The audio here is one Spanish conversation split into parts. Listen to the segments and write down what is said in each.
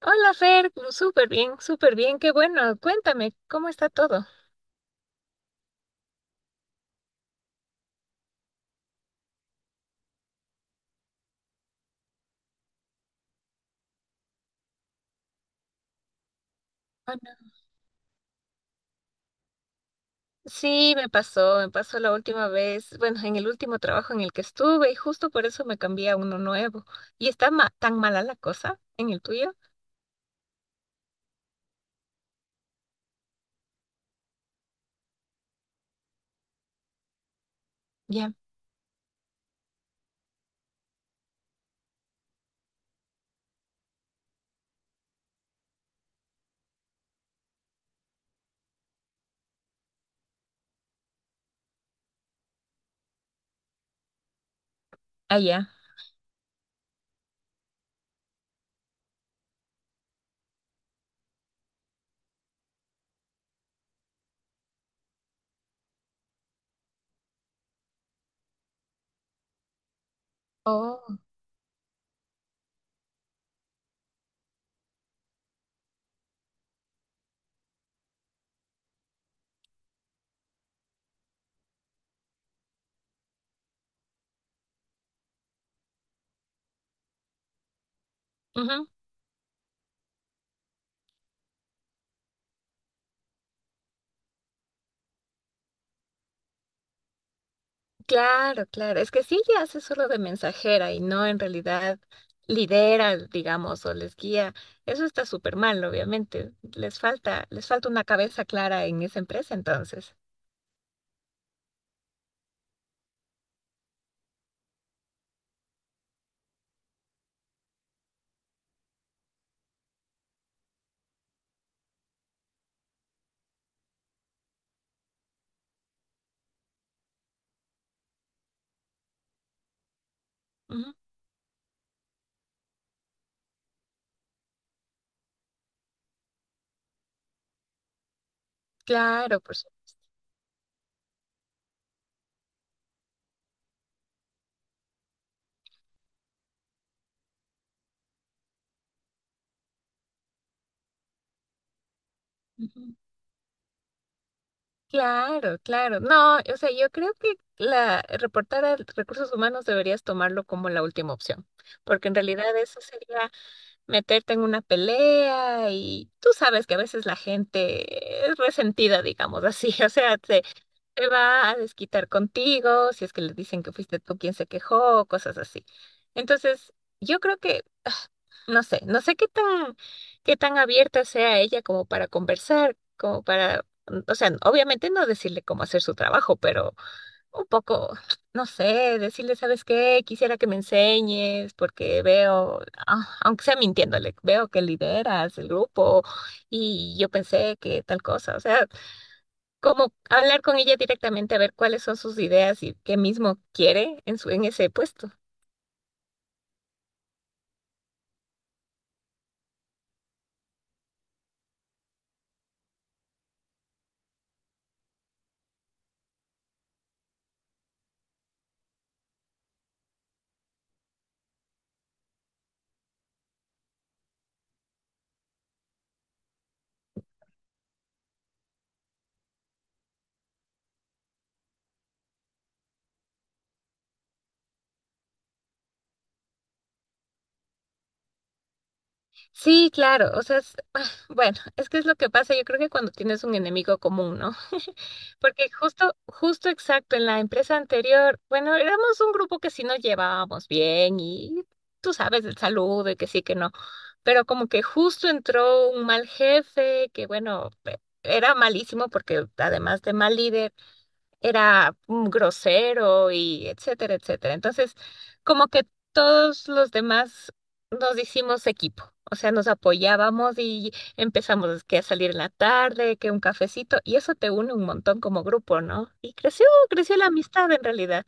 Hola Fer, súper bien, qué bueno. Cuéntame, ¿cómo está todo? Ah, no. Sí, me pasó la última vez, bueno, en el último trabajo en el que estuve y justo por eso me cambié a uno nuevo. ¿Y está tan mala la cosa en el tuyo? Ya, allá. Oh, ujú. Claro, claro. Es que sí, ya hace solo de mensajera y no en realidad lidera, digamos, o les guía. Eso está súper mal, obviamente. Les falta una cabeza clara en esa empresa entonces. Claro, por supuesto. Ujú. Claro, claro. No, o sea, yo creo que la reportar a recursos humanos deberías tomarlo como la última opción, porque en realidad eso sería meterte en una pelea y tú sabes que a veces la gente es resentida, digamos así, o sea, te va a desquitar contigo si es que le dicen que fuiste tú quien se quejó, cosas así. Entonces, yo creo que no sé, no sé qué tan abierta sea ella como para conversar, como para, o sea, obviamente no decirle cómo hacer su trabajo, pero un poco, no sé, decirle, ¿sabes qué? Quisiera que me enseñes porque veo, aunque sea mintiéndole, veo que lideras el grupo y yo pensé que tal cosa, o sea, como hablar con ella directamente a ver cuáles son sus ideas y qué mismo quiere en su, en ese puesto. Sí, claro, o sea, bueno, es que es lo que pasa, yo creo que cuando tienes un enemigo común, ¿no? Porque justo, justo exacto, en la empresa anterior, bueno, éramos un grupo que sí nos llevábamos bien y tú sabes el saludo y que sí, que no, pero como que justo entró un mal jefe que, bueno, era malísimo porque además de mal líder, era grosero y etcétera, etcétera. Entonces, como que todos los demás nos hicimos equipo, o sea, nos apoyábamos y empezamos que a salir en la tarde, que un cafecito, y eso te une un montón como grupo, ¿no? Y creció, creció la amistad en realidad.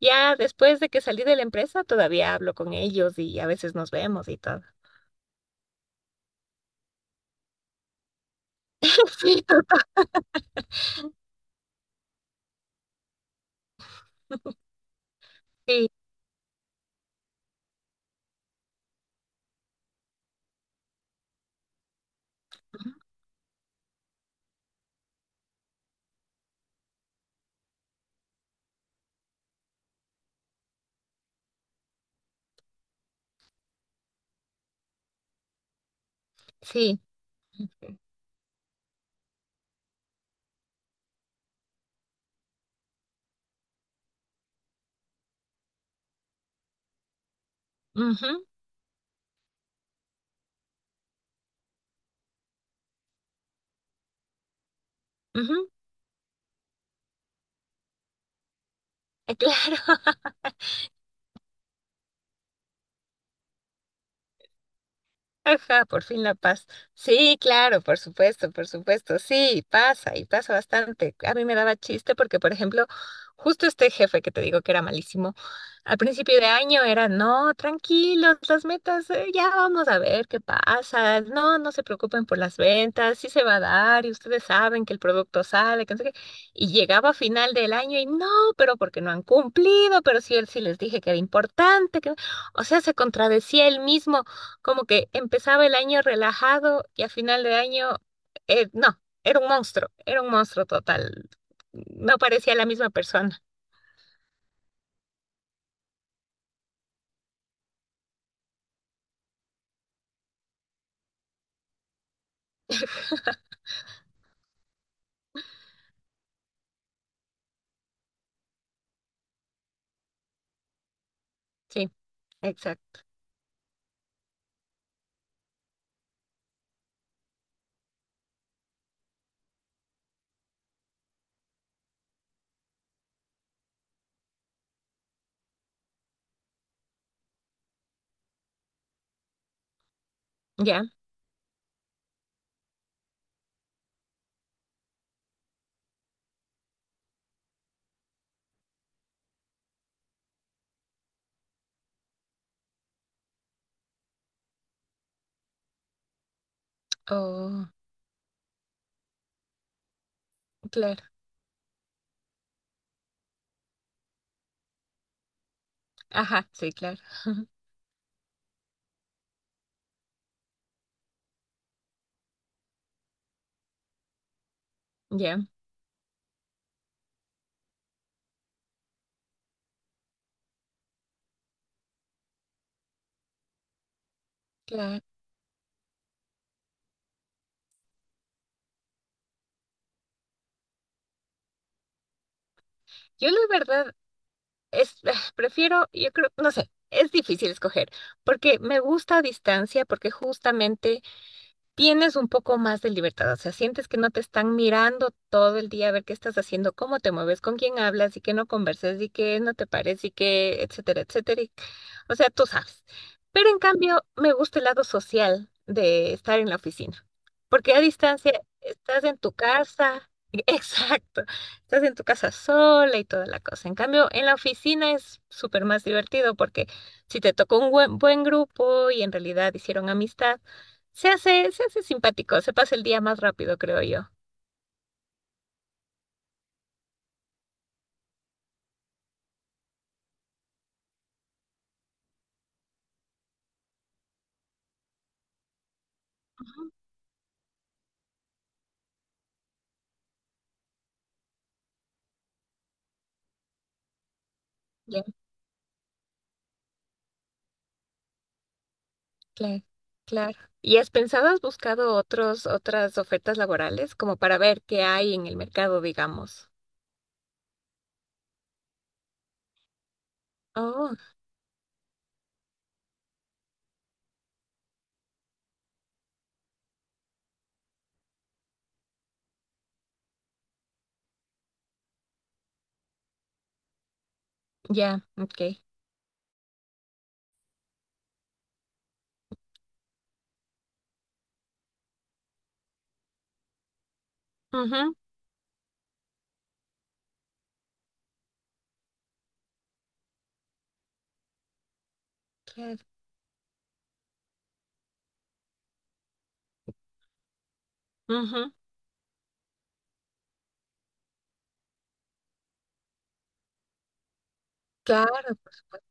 Ya después de que salí de la empresa, todavía hablo con ellos y a veces nos vemos y todo. Sí, sí, sí. Ujú, ujú, Claro. Ajá, por fin la paz. Sí, claro, por supuesto, por supuesto. Sí, pasa y pasa bastante. A mí me daba chiste porque, por ejemplo, justo este jefe que te digo que era malísimo, al principio de año era, no, tranquilos, las metas, ya vamos a ver qué pasa. No, no se preocupen por las ventas, sí se va a dar y ustedes saben que el producto sale, que no sé qué. Y llegaba a final del año y no, pero porque no han cumplido, pero sí, él sí les dije que era importante, que... O sea, se contradecía él mismo como que empezaba el año relajado y a final de año, no, era un monstruo total. No parecía la misma persona. Sí, exacto. Ya. Oh, claro. Ajá, sí, claro. Ya, claro. Yo la verdad es, prefiero, yo creo, no sé, es difícil escoger, porque me gusta a distancia, porque justamente tienes un poco más de libertad, o sea, sientes que no te están mirando todo el día a ver qué estás haciendo, cómo te mueves, con quién hablas y que no converses, y que no te pares y que, etcétera, etcétera. O sea, tú sabes. Pero en cambio, me gusta el lado social de estar en la oficina, porque a distancia estás en tu casa, exacto, estás en tu casa sola y toda la cosa. En cambio, en la oficina es súper más divertido porque si te tocó un buen, buen grupo y en realidad hicieron amistad, se hace simpático, se pasa el día más rápido, creo yo. Ajá. Ya, claro, claro. ¿Y has pensado, has buscado otros, otras ofertas laborales como para ver qué hay en el mercado, digamos? Oh, ya, ok. Ujú, claro, ujú, claro, por supuesto.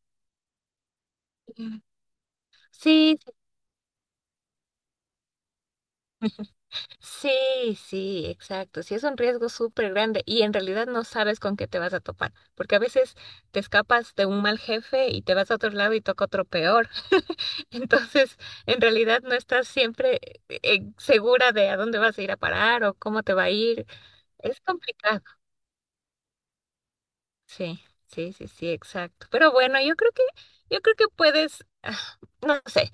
Ya. Sí, sí, sí, sí, exacto. Sí, es un riesgo súper grande y en realidad no sabes con qué te vas a topar, porque a veces te escapas de un mal jefe y te vas a otro lado y toca otro peor. Entonces, en realidad no estás siempre segura de a dónde vas a ir a parar o cómo te va a ir. Es complicado. Sí, sí, sí, sí, exacto. Pero bueno, yo creo que puedes, no sé,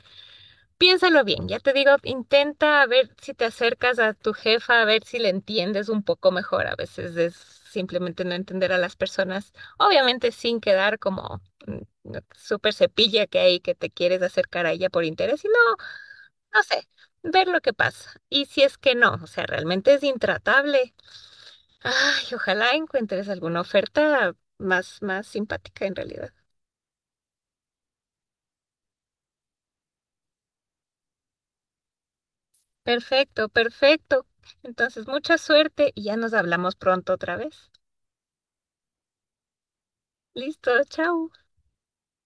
piénsalo bien. Ya te digo, intenta ver si te acercas a tu jefa, a ver si le entiendes un poco mejor. A veces es simplemente no entender a las personas, obviamente sin quedar como mm, súper cepilla que hay que te quieres acercar a ella por interés, sino no sé, ver lo que pasa. Y si es que no, o sea, realmente es intratable. Ay, ojalá encuentres alguna oferta más, más simpática en realidad. Perfecto, perfecto. Entonces, mucha suerte y ya nos hablamos pronto otra vez. Listo, chao.